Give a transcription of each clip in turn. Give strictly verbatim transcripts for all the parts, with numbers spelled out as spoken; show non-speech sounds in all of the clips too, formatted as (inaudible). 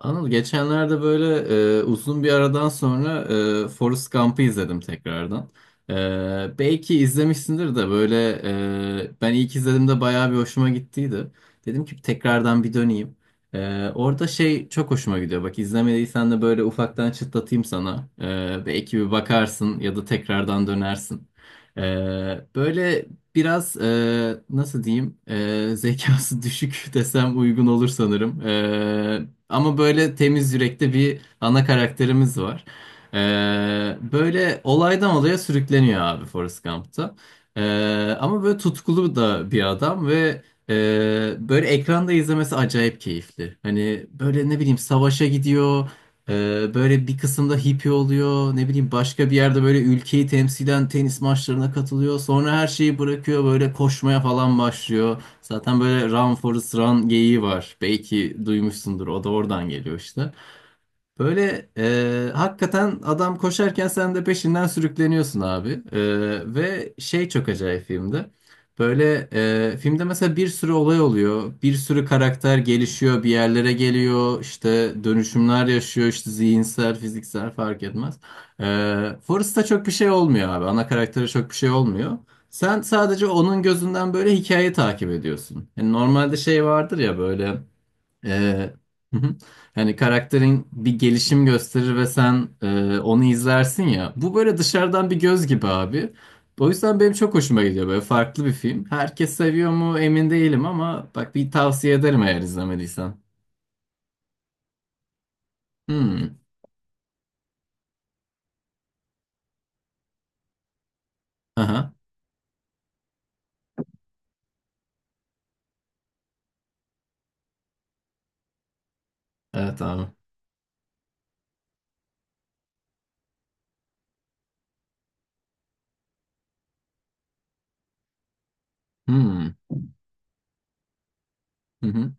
Anıl, geçenlerde böyle e, uzun bir aradan sonra e, Forrest Gump'ı izledim tekrardan. E, belki izlemişsindir de böyle e, ben ilk izlediğimde bayağı bir hoşuma gittiydi. Dedim ki tekrardan bir döneyim. E, orada şey çok hoşuma gidiyor. Bak, izlemediysen de böyle ufaktan çıtlatayım sana. E, belki bir bakarsın ya da tekrardan dönersin. E, böyle biraz, e, nasıl diyeyim, e, zekası (laughs) düşük desem uygun olur sanırım. E, ama böyle temiz yürekli bir ana karakterimiz var. Ee, böyle olaydan olaya sürükleniyor abi, Forrest Gump'ta. Ee, ama böyle tutkulu da bir adam ve e, böyle ekranda izlemesi acayip keyifli. Hani böyle ne bileyim savaşa gidiyor. Ee, böyle bir kısımda hippie oluyor. Ne bileyim, başka bir yerde böyle ülkeyi temsilen tenis maçlarına katılıyor. Sonra her şeyi bırakıyor, böyle koşmaya falan başlıyor. Zaten böyle run forest run geyiği var. Belki duymuşsundur. O da oradan geliyor işte. Böyle, e, hakikaten adam koşarken sen de peşinden sürükleniyorsun abi. E, ve şey çok acayip filmde. Böyle, e, filmde mesela bir sürü olay oluyor. Bir sürü karakter gelişiyor, bir yerlere geliyor. İşte dönüşümler yaşıyor, işte zihinsel, fiziksel fark etmez. E, Forrest'ta çok bir şey olmuyor abi. Ana karaktere çok bir şey olmuyor. Sen sadece onun gözünden böyle hikayeyi takip ediyorsun. Yani normalde şey vardır ya böyle... Ee, hı hı. Hani karakterin bir gelişim gösterir ve sen e, onu izlersin ya. Bu böyle dışarıdan bir göz gibi abi. O yüzden benim çok hoşuma gidiyor, böyle farklı bir film. Herkes seviyor mu emin değilim ama bak, bir tavsiye ederim eğer izlemediysen. Hmm. Aha. Evet abi. Hmm. Hı hı.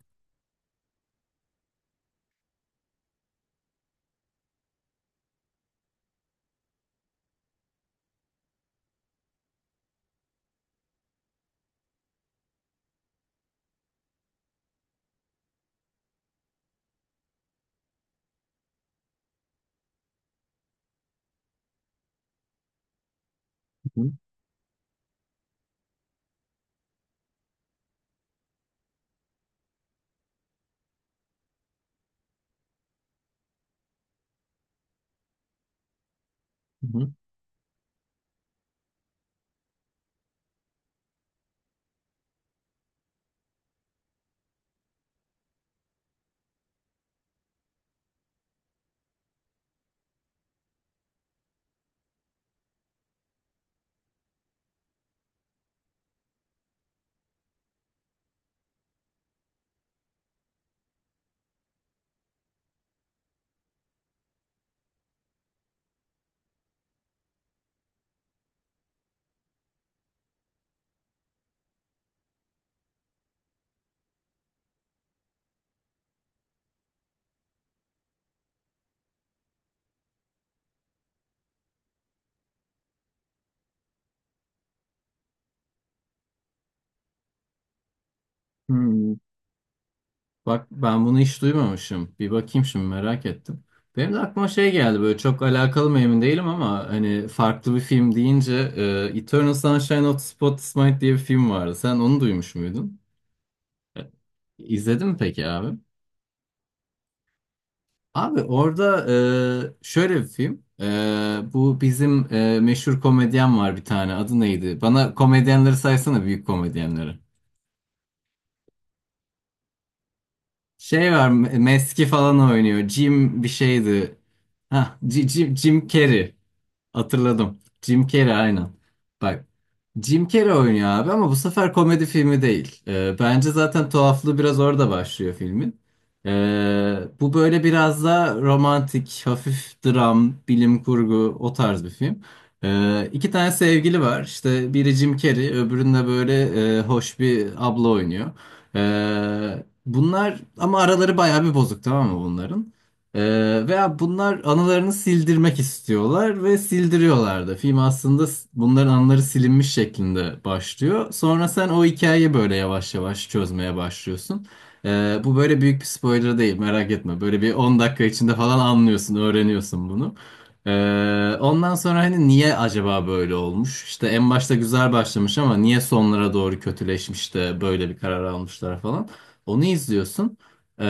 Hı hı. Hı hı. Hmm. Bak, ben bunu hiç duymamışım. Bir bakayım, şimdi merak ettim. Benim de aklıma şey geldi. Böyle çok alakalı mı emin değilim ama hani farklı bir film deyince e, Eternal Sunshine of the Spotless Mind diye bir film vardı. Sen onu duymuş muydun? E, İzledin mi peki abi? Abi orada e, şöyle bir film. E, bu bizim e, meşhur komedyen var bir tane. Adı neydi? Bana komedyenleri saysana, büyük komedyenleri. Şey var, M- Meski falan oynuyor. Jim bir şeydi. Ha, Jim, Jim Carrey. Hatırladım. Jim Carrey aynen. Bak, Jim Carrey oynuyor abi ama bu sefer komedi filmi değil. Ee, bence zaten tuhaflığı biraz orada başlıyor filmin. Ee, bu böyle biraz da romantik, hafif dram, bilim kurgu, o tarz bir film. Ee, iki tane sevgili var. İşte biri Jim Carrey, öbüründe böyle e, hoş bir abla oynuyor. Ee, bunlar ama araları bayağı bir bozuk, tamam mı bunların? Ee, veya bunlar anılarını sildirmek istiyorlar ve sildiriyorlar da. Film aslında s- bunların anıları silinmiş şeklinde başlıyor. Sonra sen o hikayeyi böyle yavaş yavaş çözmeye başlıyorsun. Ee, bu böyle büyük bir spoiler değil, merak etme. Böyle bir on dakika içinde falan anlıyorsun, öğreniyorsun bunu. Ee, ondan sonra hani niye acaba böyle olmuş? İşte en başta güzel başlamış ama niye sonlara doğru kötüleşmiş de böyle bir karar almışlar falan. Onu izliyorsun. Ee,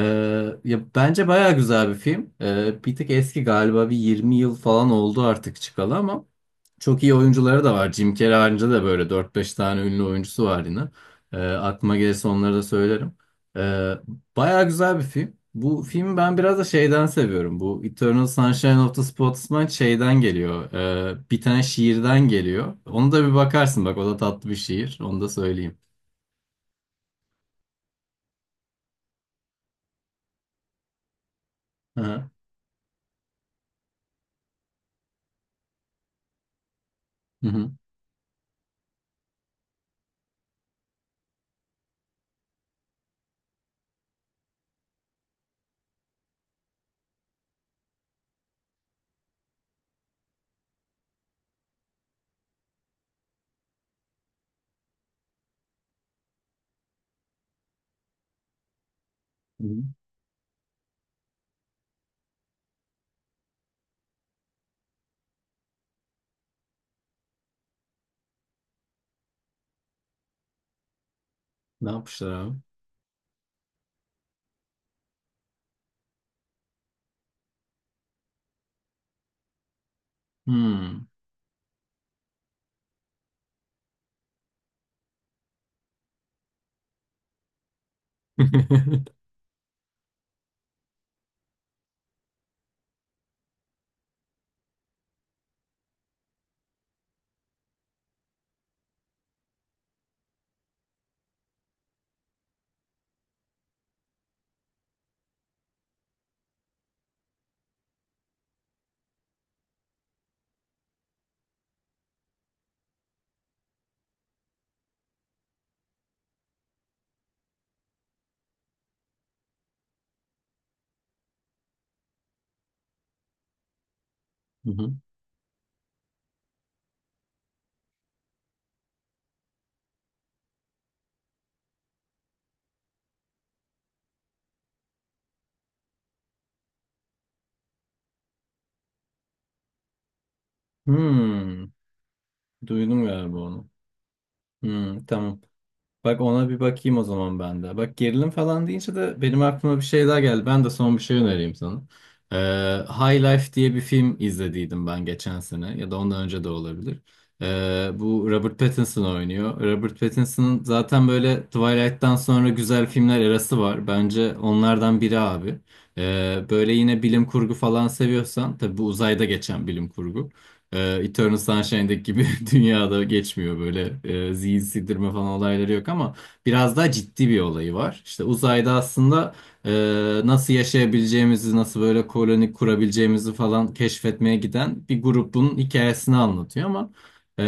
ya bence baya güzel bir film. Ee, bir tık eski, galiba bir yirmi yıl falan oldu artık çıkalı ama çok iyi oyuncuları da var. Jim Carrey haricinde de böyle dört beş tane ünlü oyuncusu var yine. Ee, aklıma gelirse onları da söylerim. Ee, baya güzel bir film. Bu filmi ben biraz da şeyden seviyorum. Bu Eternal Sunshine of the Spotless Mind şeyden geliyor. Ee, bir tane şiirden geliyor. Onu da bir bakarsın, bak o da tatlı bir şiir. Onu da söyleyeyim. Hı hı. Hı hı. Hı hı. Ne yapmışlar abi? Hmm. (laughs) Hı hı. Hmm, duydum galiba onu. Hmm, tamam. Bak, ona bir bakayım o zaman ben de. Bak, gerilim falan deyince de benim aklıma bir şey daha geldi. Ben de son bir şey önereyim sana. Ee, High Life diye bir film izlediydim ben, geçen sene ya da ondan önce de olabilir. Ee, bu Robert Pattinson oynuyor. Robert Pattinson'ın zaten böyle Twilight'tan sonra güzel filmler arası var. Bence onlardan biri abi. Ee, böyle yine bilim kurgu falan seviyorsan tabii, bu uzayda geçen bilim kurgu. Ee, Eternal Sunshine'daki gibi (laughs) dünyada geçmiyor, böyle e, zihin sildirme falan olayları yok ama biraz daha ciddi bir olayı var. İşte uzayda aslında e, nasıl yaşayabileceğimizi, nasıl böyle koloni kurabileceğimizi falan keşfetmeye giden bir grubun hikayesini anlatıyor ama e,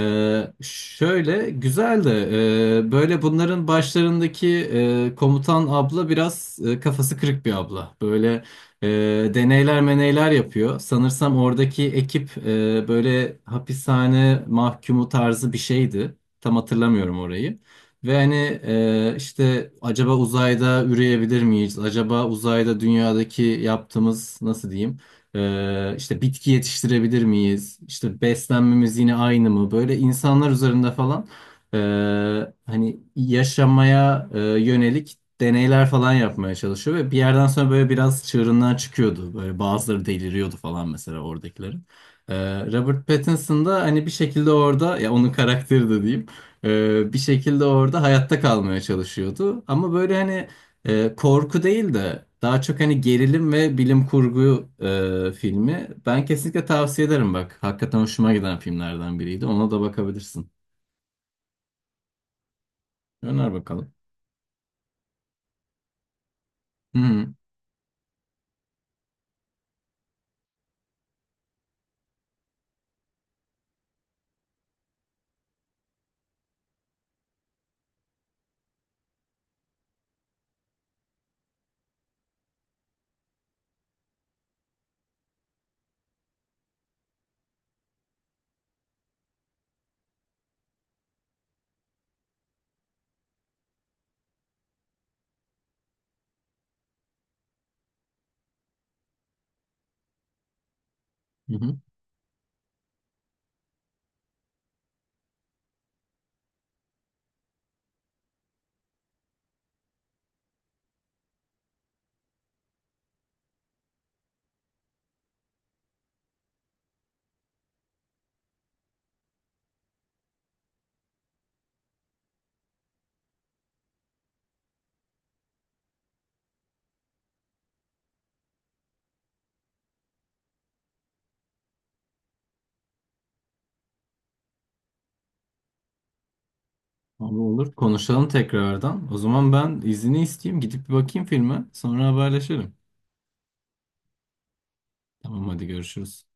şöyle güzel de, e, böyle bunların başlarındaki e, komutan abla biraz e, kafası kırık bir abla. Böyle e, deneyler meneyler yapıyor. Sanırsam oradaki ekip e, böyle hapishane mahkumu tarzı bir şeydi. Tam hatırlamıyorum orayı. Ve hani, e, işte acaba uzayda üreyebilir miyiz? Acaba uzayda dünyadaki yaptığımız, nasıl diyeyim? E, işte bitki yetiştirebilir miyiz? İşte beslenmemiz yine aynı mı? Böyle insanlar üzerinde falan, e, hani yaşamaya e, yönelik deneyler falan yapmaya çalışıyor ve bir yerden sonra böyle biraz çığırından çıkıyordu. Böyle bazıları deliriyordu falan mesela, oradakilerin. Ee, Robert Pattinson da hani bir şekilde orada, ya onun karakteri de diyeyim, ee, bir şekilde orada hayatta kalmaya çalışıyordu. Ama böyle hani e, korku değil de daha çok hani gerilim ve bilim kurgu e, filmi. Ben kesinlikle tavsiye ederim bak. Hakikaten hoşuma giden filmlerden biriydi. Ona da bakabilirsin. Öner bakalım. Hı hı. Hı hı. Abi olur, konuşalım tekrardan. O zaman ben izni isteyeyim. Gidip bir bakayım filme. Sonra haberleşelim. Tamam, hadi görüşürüz.